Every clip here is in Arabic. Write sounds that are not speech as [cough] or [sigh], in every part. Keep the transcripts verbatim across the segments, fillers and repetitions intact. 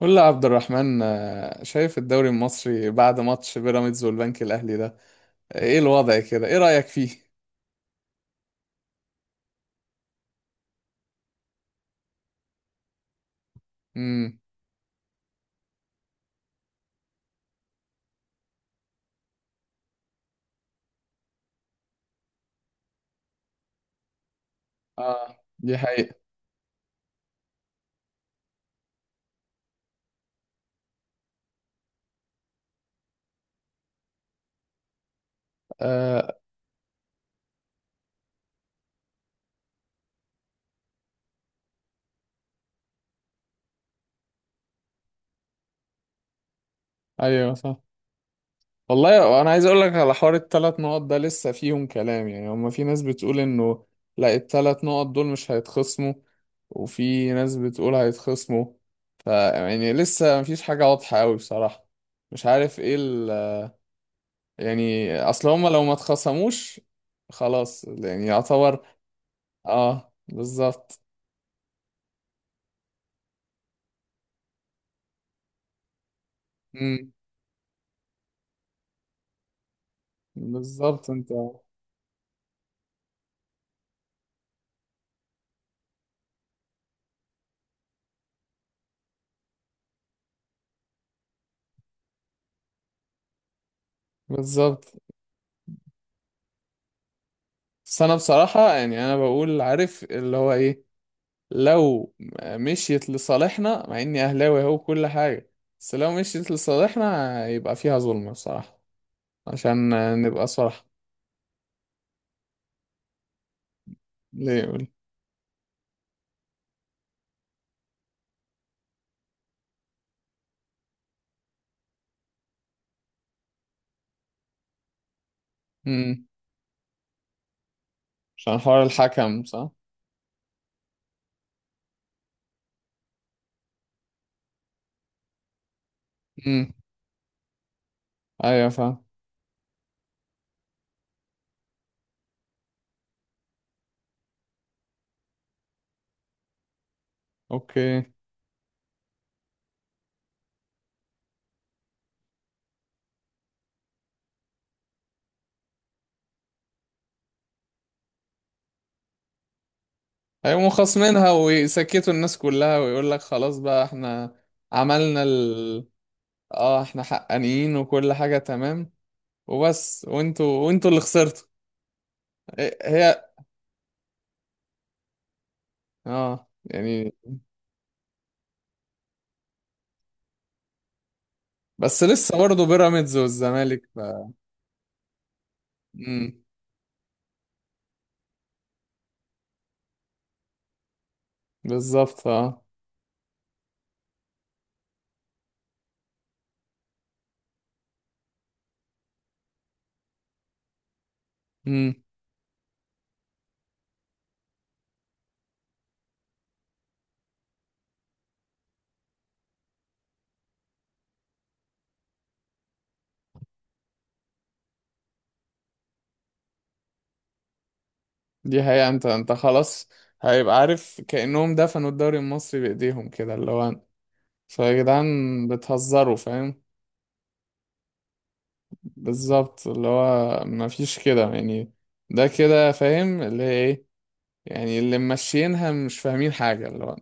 قول لي يا عبد الرحمن آه، شايف الدوري المصري بعد ماتش بيراميدز والبنك الأهلي ده؟ آه، ايه الوضع كده، ايه رأيك فيه؟ امم اه، دي حقيقة. آه، ايوه صح. والله انا عايز اقول لك على حوار الثلاث نقط ده لسه فيهم كلام، يعني هما في ناس بتقول انه لا الثلاث نقط دول مش هيتخصموا، وفي ناس بتقول هيتخصموا. ف يعني لسه مفيش حاجة واضحة قوي بصراحة. مش عارف ايه ال... يعني اصل هما لو ما اتخصموش خلاص يعني يعتبر. اه بالظبط. امم بالظبط انت. بالظبط. بس انا بصراحة يعني انا بقول، عارف اللي هو ايه، لو مشيت لصالحنا مع اني اهلاوي اهو كل حاجة، بس لو مشيت لصالحنا يبقى فيها ظلم بصراحة، عشان نبقى صراحة. ليه يقول؟ امم عشان حوار الحكم صح. امم ايوه فاهم. اوكي. هيقوموا خاصمينها ويسكتوا الناس كلها ويقول لك خلاص بقى، احنا عملنا، اه احنا حقانيين وكل حاجة تمام، وبس، وانتوا وانتوا اللي خسرتوا. إيه- هي، اه يعني، بس لسه برضه بيراميدز والزمالك ف... امم بالظبط اه. امم دي هي، انت انت خلاص، هيبقى عارف كأنهم دفنوا الدوري المصري بإيديهم، كده اللي هو، فيا جدعان بتهزروا، فاهم. بالظبط، اللي هو مفيش كده يعني، ده كده فاهم اللي هي ايه، يعني اللي ماشيينها مش فاهمين حاجة اللي هو.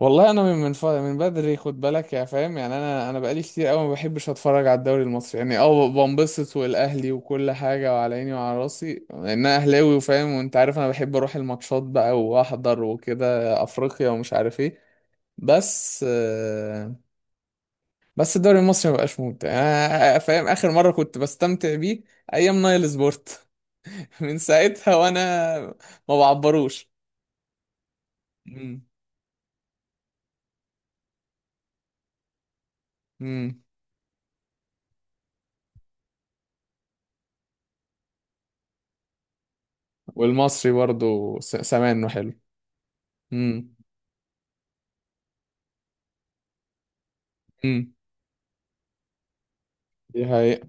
والله انا من من ف- من بدري، خد بالك يا فاهم، يعني انا انا بقالي كتير قوي ما بحبش اتفرج على الدوري المصري. يعني اه بنبسط، والاهلي وكل حاجه وعلى عيني وعلى راسي، لان انا اهلاوي وفاهم، وانت عارف انا بحب اروح الماتشات بقى واحضر وكده افريقيا ومش عارف ايه. بس آه، بس الدوري المصري ما بقاش ممتع يعني. انا فاهم اخر مره كنت بستمتع بيه ايام نايل سبورت. [laughs] من ساعتها وانا ما بعبروش. امم والمصري برضو س- سمانه حلو. مم. امم دي حقيقة.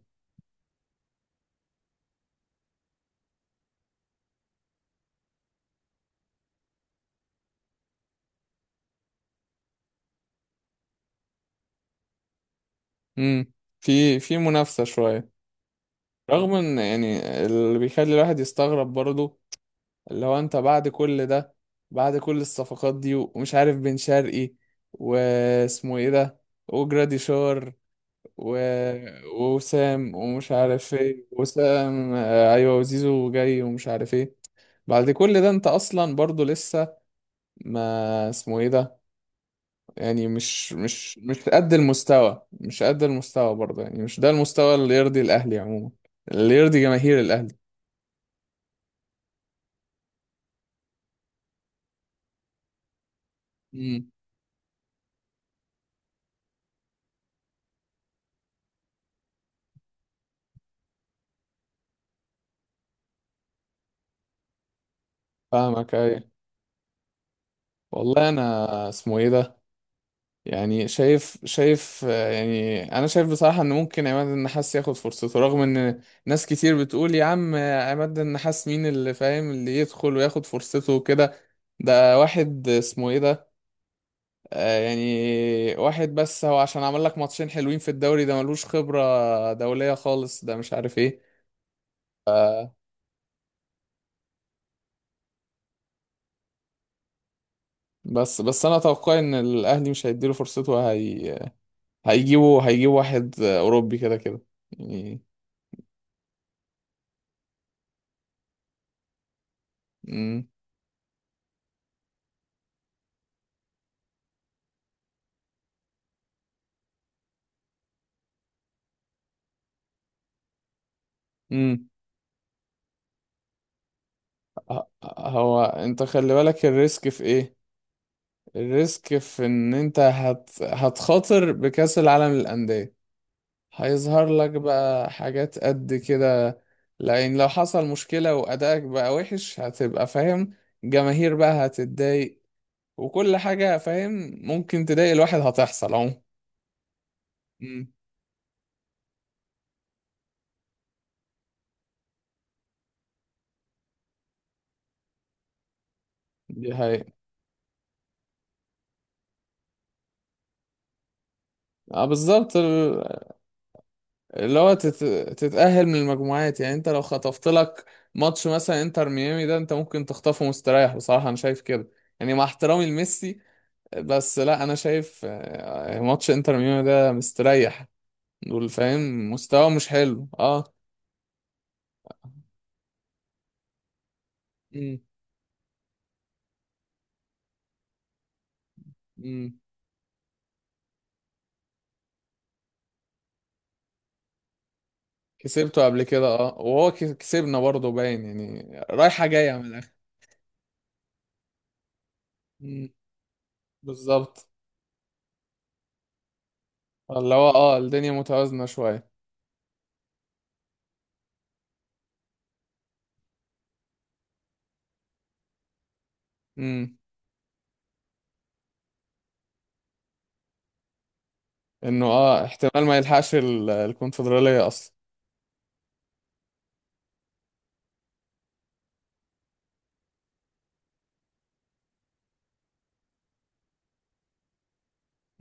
امم في في منافسة شوية، رغم ان يعني، اللي بيخلي الواحد يستغرب برضه اللي هو، انت بعد كل ده، بعد كل الصفقات دي، ومش عارف بن شرقي، واسمه ايه ده، وجراديشار، و... وسام، ومش عارف ايه، وسام، آه، ايوه، وزيزو جاي ومش عارف ايه. بعد كل ده انت اصلا برضه لسه، ما اسمه ايه ده، يعني مش مش مش قد المستوى، مش قد المستوى برضه، يعني مش ده المستوى اللي يرضي الأهلي عموما، اللي يرضي جماهير الأهلي. امم فاهمك أيوة. والله أنا اسمه إيه ده، يعني شايف شايف آه، يعني أنا شايف بصراحة إن ممكن عماد النحاس ياخد فرصته، رغم إن ناس كتير بتقول يا عم، آه، عماد النحاس مين اللي فاهم اللي يدخل وياخد فرصته وكده. ده واحد اسمه إيه ده، آه، يعني واحد، بس هو عشان عمل لك ماتشين حلوين في الدوري، ده ملوش خبرة دولية خالص، ده مش عارف ايه. بس بس انا اتوقع ان الاهلي مش هيديله فرصته. هي هيجيبوا هيجيبوا واحد آه، اوروبي كده كده يعني. امم امم ه- هو انت خلي بالك الريسك في ايه، الريسك في ان انت هت... هتخاطر بكأس العالم للأندية. هيظهر لك بقى حاجات قد كده، لأن لو حصل مشكلة وأدائك بقى وحش، هتبقى فاهم، جماهير بقى هتتضايق وكل حاجة، فاهم، ممكن تضايق الواحد هتحصل عموما. مم. دي حقيقة. اه بالظبط. ال- اللي هو تت... تتأهل من المجموعات، يعني انت لو خطفت لك ماتش مثلا انتر ميامي ده، انت ممكن تخطفه مستريح بصراحة، انا شايف كده. يعني مع احترامي لميسي، بس لا، انا شايف آه، ماتش انتر ميامي ده مستريح، دول فاهم مستوى مش حلو اه. امم امم كسبته قبل كده اه، وهو كس- كسبنا برضه، باين يعني رايحة جاية من الآخر. امم بالظبط، اللي هو اه الدنيا متوازنة شوية. امم انه اه احتمال ما يلحقش ال- الكونفدرالية اصلا.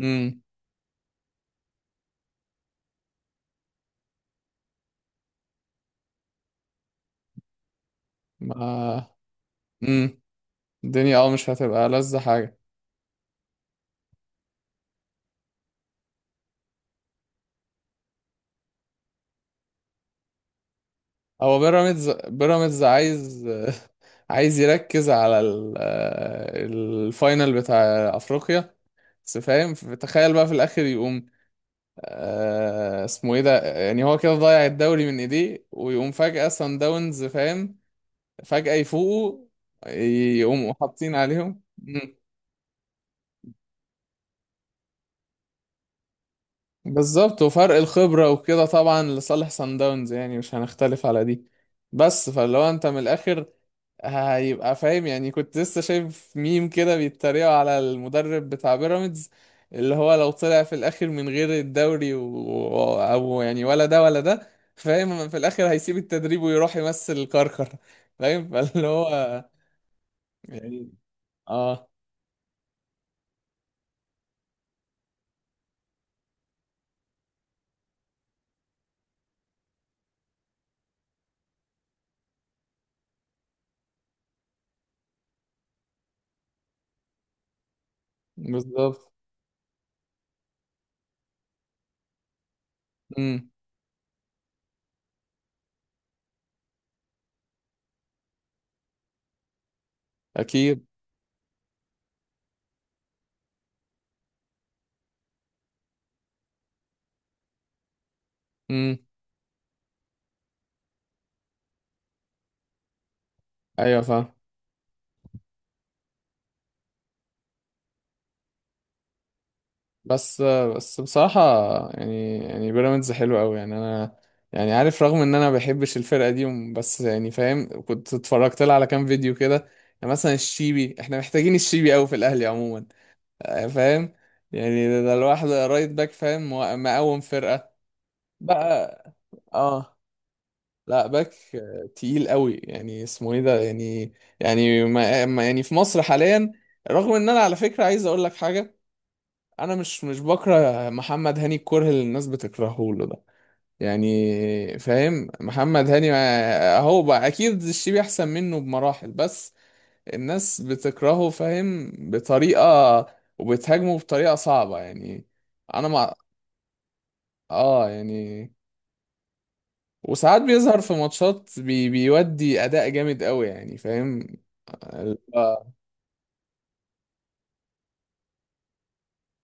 امم ما، امم الدنيا اه مش هتبقى لذة حاجة. هو بيراميدز بيراميدز عايز [laughs] عايز يركز على ال- آه، الفاينل بتاع افريقيا. بس فاهم، تخيل بقى في الاخر يقوم آه، اسمه ايه ده، يعني هو كده ضيع الدوري من ايديه، ويقوم فجأة سان داونز فاهم، فجأة يفوقوا، يقوموا حاطين عليهم. مم. بالظبط، وفرق الخبرة وكده طبعا لصالح سان داونز، يعني مش هنختلف على دي. بس فلو انت من الاخر، هيبقى فاهم، يعني كنت لسه شايف ميم كده بيتريقوا على المدرب بتاع بيراميدز، اللي هو لو طلع في الاخر من غير الدوري و... و- او يعني ولا ده ولا ده، فاهم في الاخر هيسيب التدريب ويروح يمثل كركر، فاهم، [laughs] فاللي هو يعني اه. بالظبط. امم اكيد. امم ايوه فاهم. بس بس بصراحة، يعني يعني بيراميدز حلو قوي، يعني انا يعني عارف رغم ان انا ما بحبش الفرقة دي وم- بس، يعني فاهم، كنت اتفرجت لها على كام فيديو كده. يعني مثلا الشيبي، احنا محتاجين الشيبي قوي في الاهلي عموما. آه، فاهم، يعني ده ده الواحد رايت باك، فاهم، مو- مقوم فرقة بقى اه. لا، باك آه، تقيل قوي، يعني اسمه ايه ده يعني. يعني ما ما- يعني في مصر حاليا، رغم ان انا على فكرة عايز اقول لك حاجة، انا مش مش بكره محمد هاني الكره اللي الناس بتكرهه له ده، يعني فاهم، محمد هاني ما- هو بقى اكيد الشيبي احسن منه بمراحل، بس الناس بتكرهه فاهم بطريقه، وبتهاجمه بطريقه صعبه يعني. انا مع، اه يعني، وساعات بيظهر في ماتشات بي... بيودي اداء جامد قوي، يعني فاهم ال- آه.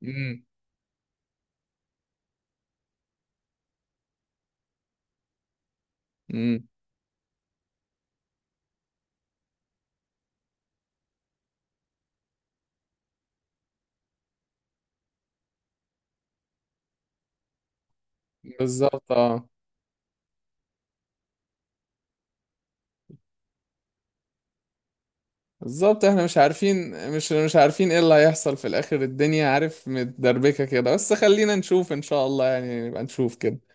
امم امم بالظبط اه. بالظبط، احنا مش عارفين، مش مش عارفين ايه اللي هيحصل في الاخر، الدنيا عارف متدربكة كده، بس خلينا نشوف ان شاء الله، يعني نبقى نشوف كده.